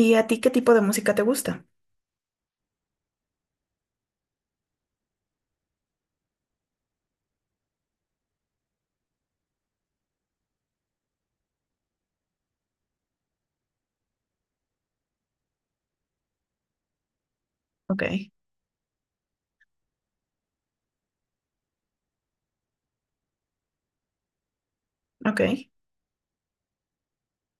¿Y a ti qué tipo de música te gusta? Ok. Ok.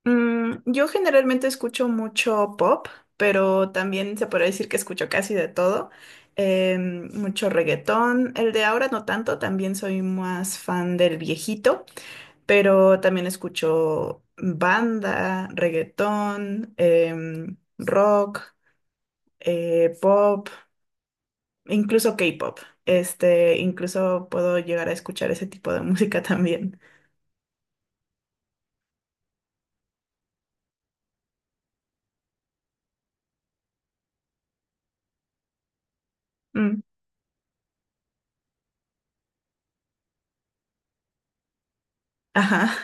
Yo generalmente escucho mucho pop, pero también se podría decir que escucho casi de todo. Mucho reggaetón. El de ahora no tanto, también soy más fan del viejito, pero también escucho banda, reggaetón, rock, pop, incluso K-pop. Incluso puedo llegar a escuchar ese tipo de música también. Mm, ajá.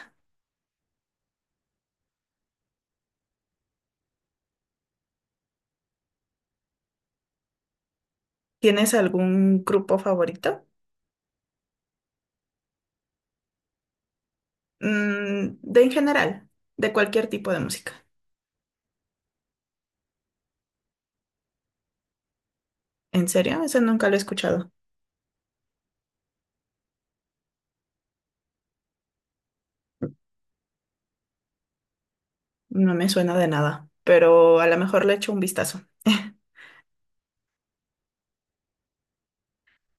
¿Tienes algún grupo favorito? Mm, de en general, de cualquier tipo de música. ¿En serio? Ese nunca lo he escuchado. No me suena de nada, pero a lo mejor le echo un vistazo.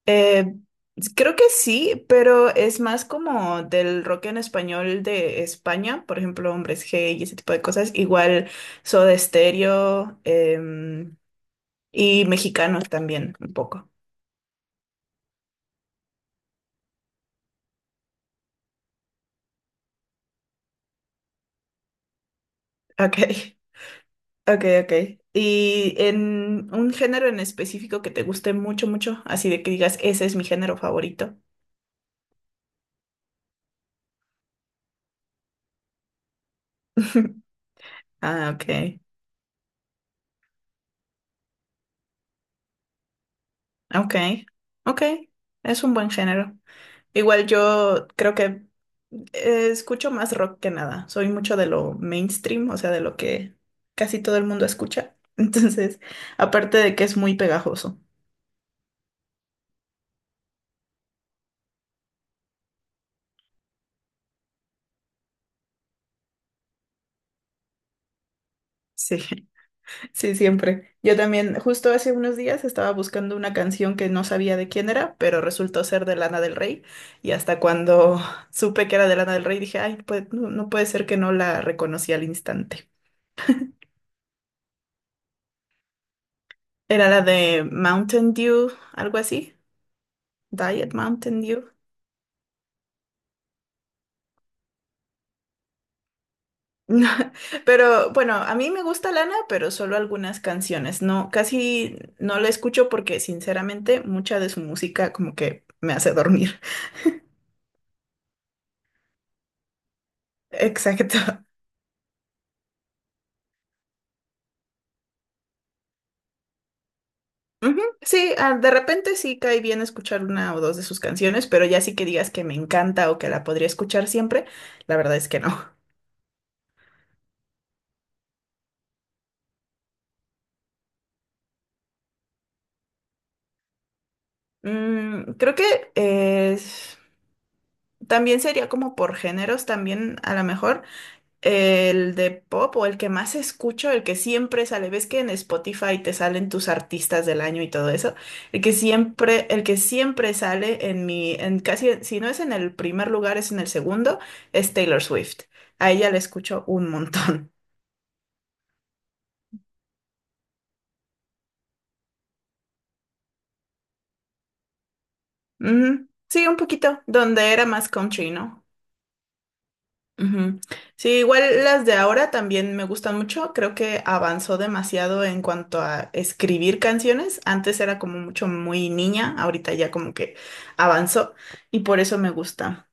Eh, Creo que sí, pero es más como del rock en español de España, por ejemplo, Hombres G y ese tipo de cosas. Igual Soda Stereo, y mexicanos también, un poco. Ok. Ok, ok. ¿Y en un género en específico que te guste mucho, mucho? Así de que digas, ese es mi género favorito. Ah, ok. Ok. Ok. Es un buen género. Igual yo creo que escucho más rock que nada. Soy mucho de lo mainstream, o sea, de lo que casi todo el mundo escucha. Entonces, aparte de que es muy pegajoso. Sí. Sí, siempre. Yo también, justo hace unos días estaba buscando una canción que no sabía de quién era, pero resultó ser de Lana del Rey. Y hasta cuando supe que era de Lana del Rey, dije, ay, pues no, no puede ser que no la reconocí al instante. Era la de Mountain Dew, algo así. Diet Mountain Dew. Pero bueno, a mí me gusta Lana, pero solo algunas canciones. No, casi no la escucho porque sinceramente mucha de su música como que me hace dormir. Exacto. Ujú, sí, ah, de repente sí cae bien escuchar una o dos de sus canciones, pero ya sí que digas que me encanta o que la podría escuchar siempre, la verdad es que no. Mm, creo que eh, también sería como por géneros, también a lo mejor. El de pop o el que más escucho, el que siempre sale, ves que en Spotify te salen tus artistas del año y todo eso, el que siempre sale en mi, en casi, si no es en el primer lugar, es en el segundo, es Taylor Swift. A ella la escucho un montón. Ujú. Sí, un poquito, donde era más country, ¿no? Ujú. Sí, igual las de ahora también me gustan mucho. Creo que avanzó demasiado en cuanto a escribir canciones. Antes era como mucho muy niña, ahorita ya como que avanzó y por eso me gusta.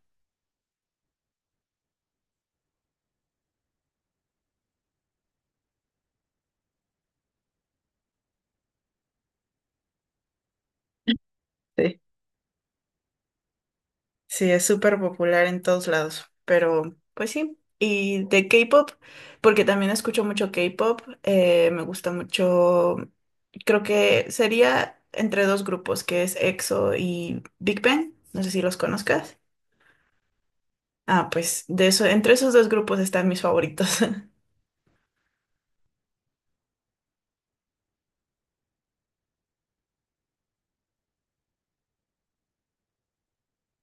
Sí, sí, es súper popular en todos lados. Pero, pues sí. Y de K-pop, porque también escucho mucho K-pop, me gusta mucho. Creo que sería entre dos grupos, que es EXO y Big Bang. No sé si los conozcas. Ah, pues de eso, entre esos dos grupos están mis favoritos.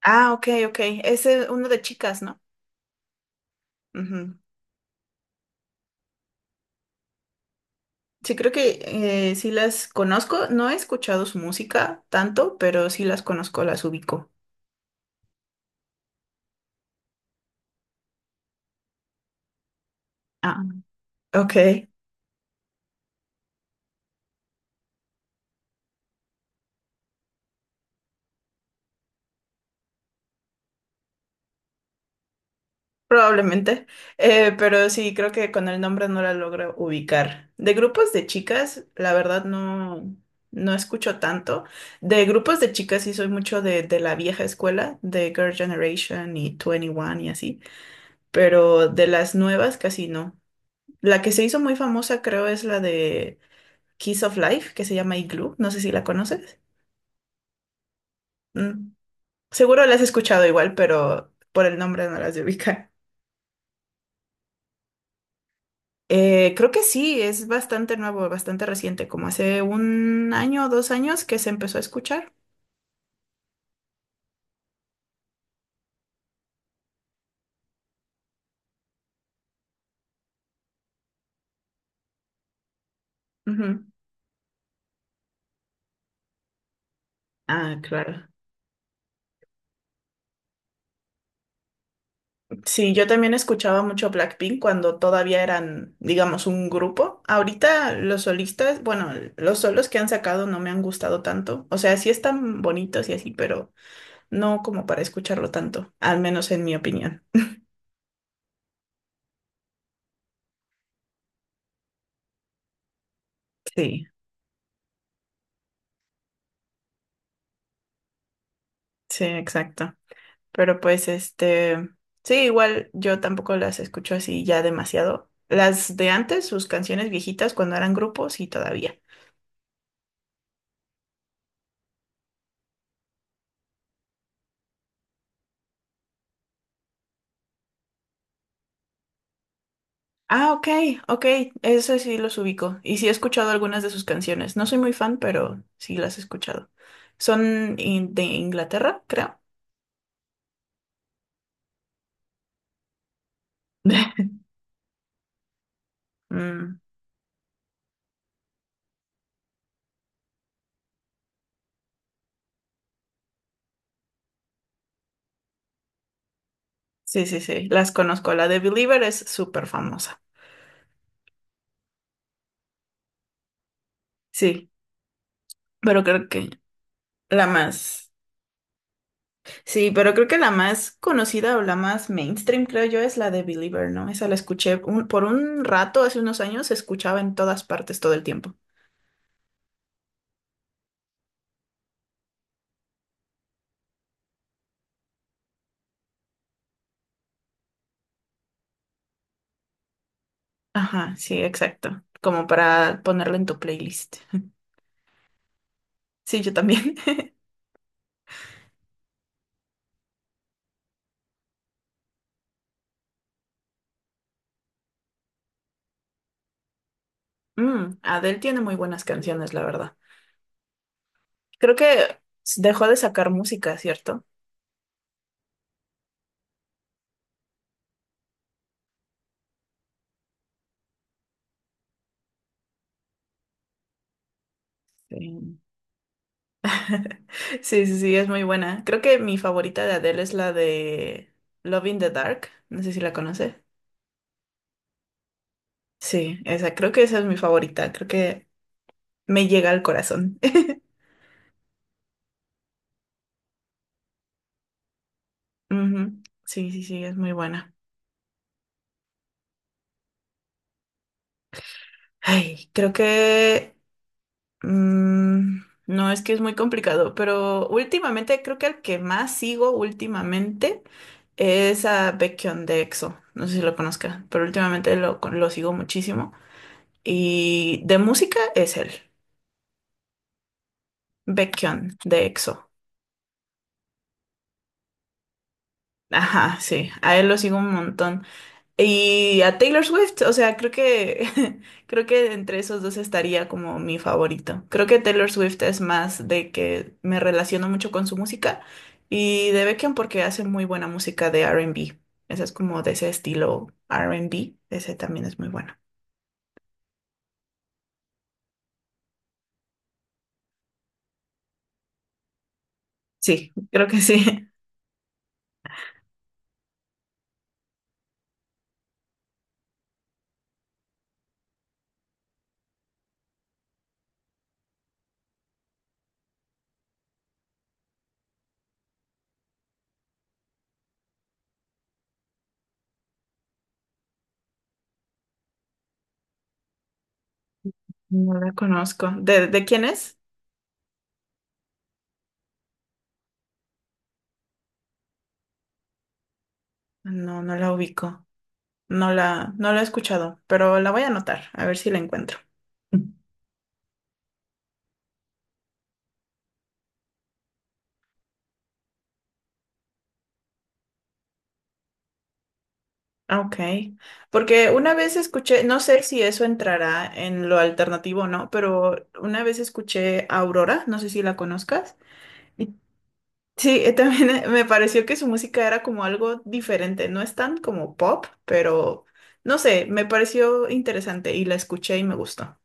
Ah, ok, ok. Ese es uno de chicas, ¿no? Ujú. Sí, creo que sí las conozco. No he escuchado su música tanto, pero sí las conozco, las ubico. Ah, ok, probablemente. Pero sí, creo que con el nombre no la logro ubicar. De grupos de chicas, la verdad no, no escucho tanto. De grupos de chicas sí soy mucho de la vieja escuela, de Girl Generation y 21 y así. Pero de las nuevas casi no. La que se hizo muy famosa creo es la de Kiss of Life, que se llama Igloo, no sé si la conoces. Mm, seguro la has escuchado igual, pero por el nombre no las de ubicar. Creo que sí, es bastante nuevo, bastante reciente, como hace un año o dos años que se empezó a escuchar. Ujú. Ah, claro. Sí, yo también escuchaba mucho Blackpink cuando todavía eran, digamos, un grupo. Ahorita los solistas, bueno, los solos que han sacado no me han gustado tanto. O sea, sí están bonitos y así, pero no como para escucharlo tanto, al menos en mi opinión. Sí, sí, exacto. Pero pues sí, igual yo tampoco las escucho así ya demasiado. Las de antes, sus canciones viejitas cuando eran grupos, sí, todavía. Ah, ok, ok, eso sí los ubico. Y sí he escuchado algunas de sus canciones. No soy muy fan, pero sí las he escuchado. Son in- de Inglaterra, creo. Mm, sí, sí, sí, las conozco. La de Believer es súper famosa. Sí, pero creo que la más... Sí, pero creo que la más conocida o la más mainstream, creo yo, es la de Believer, ¿no? Esa la escuché un- por un rato, hace unos años, se escuchaba en todas partes todo el tiempo. Ajá, sí, exacto. Como para ponerla en tu playlist. Sí, yo también. Mm, Adele tiene muy buenas canciones, la verdad. Creo que dejó de sacar música, ¿cierto? Sí. Sí, sí, sí, es muy buena. Creo que mi favorita de Adele es la de Love in the Dark. No sé si la conoce. Sí, esa, creo que esa es mi favorita. Creo que me llega al corazón. Ujú. Sí, sí, sí, es muy buena. Ay, creo que Mm, no, es que es muy complicado, pero últimamente creo que el que más sigo últimamente es a Baekhyun de EXO. No sé si lo conozca, pero últimamente lo sigo muchísimo. Y de música es él, Baekhyun de EXO. Ajá, sí, a él lo sigo un montón. Y a Taylor Swift, o sea, creo que creo que entre esos dos estaría como mi favorito. Creo que Taylor Swift es más de que me relaciono mucho con su música y de Beckham porque hace muy buena música de R&B. Esa es como de ese estilo R&B, ese también es muy bueno. Sí, creo que sí. No la conozco. De quién es? No, no la ubico. No la he escuchado, pero la voy a anotar, a ver si la encuentro. Ah, ok, porque una vez escuché, no sé si eso entrará en lo alternativo o no, pero una vez escuché a Aurora, no sé si la conozcas. Y sí, también me pareció que su música era como algo diferente, no es tan como pop, pero no sé, me pareció interesante y la escuché y me gustó.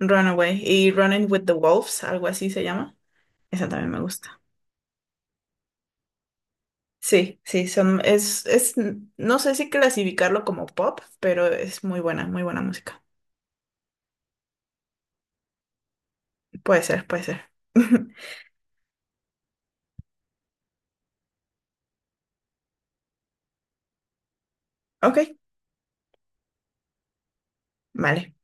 Runaway y Running with the Wolves, algo así se llama. Esa también me gusta. Sí, sí, son, es, no sé si clasificarlo como pop, pero es muy buena música. Puede ser, puede ser. Ok, vale.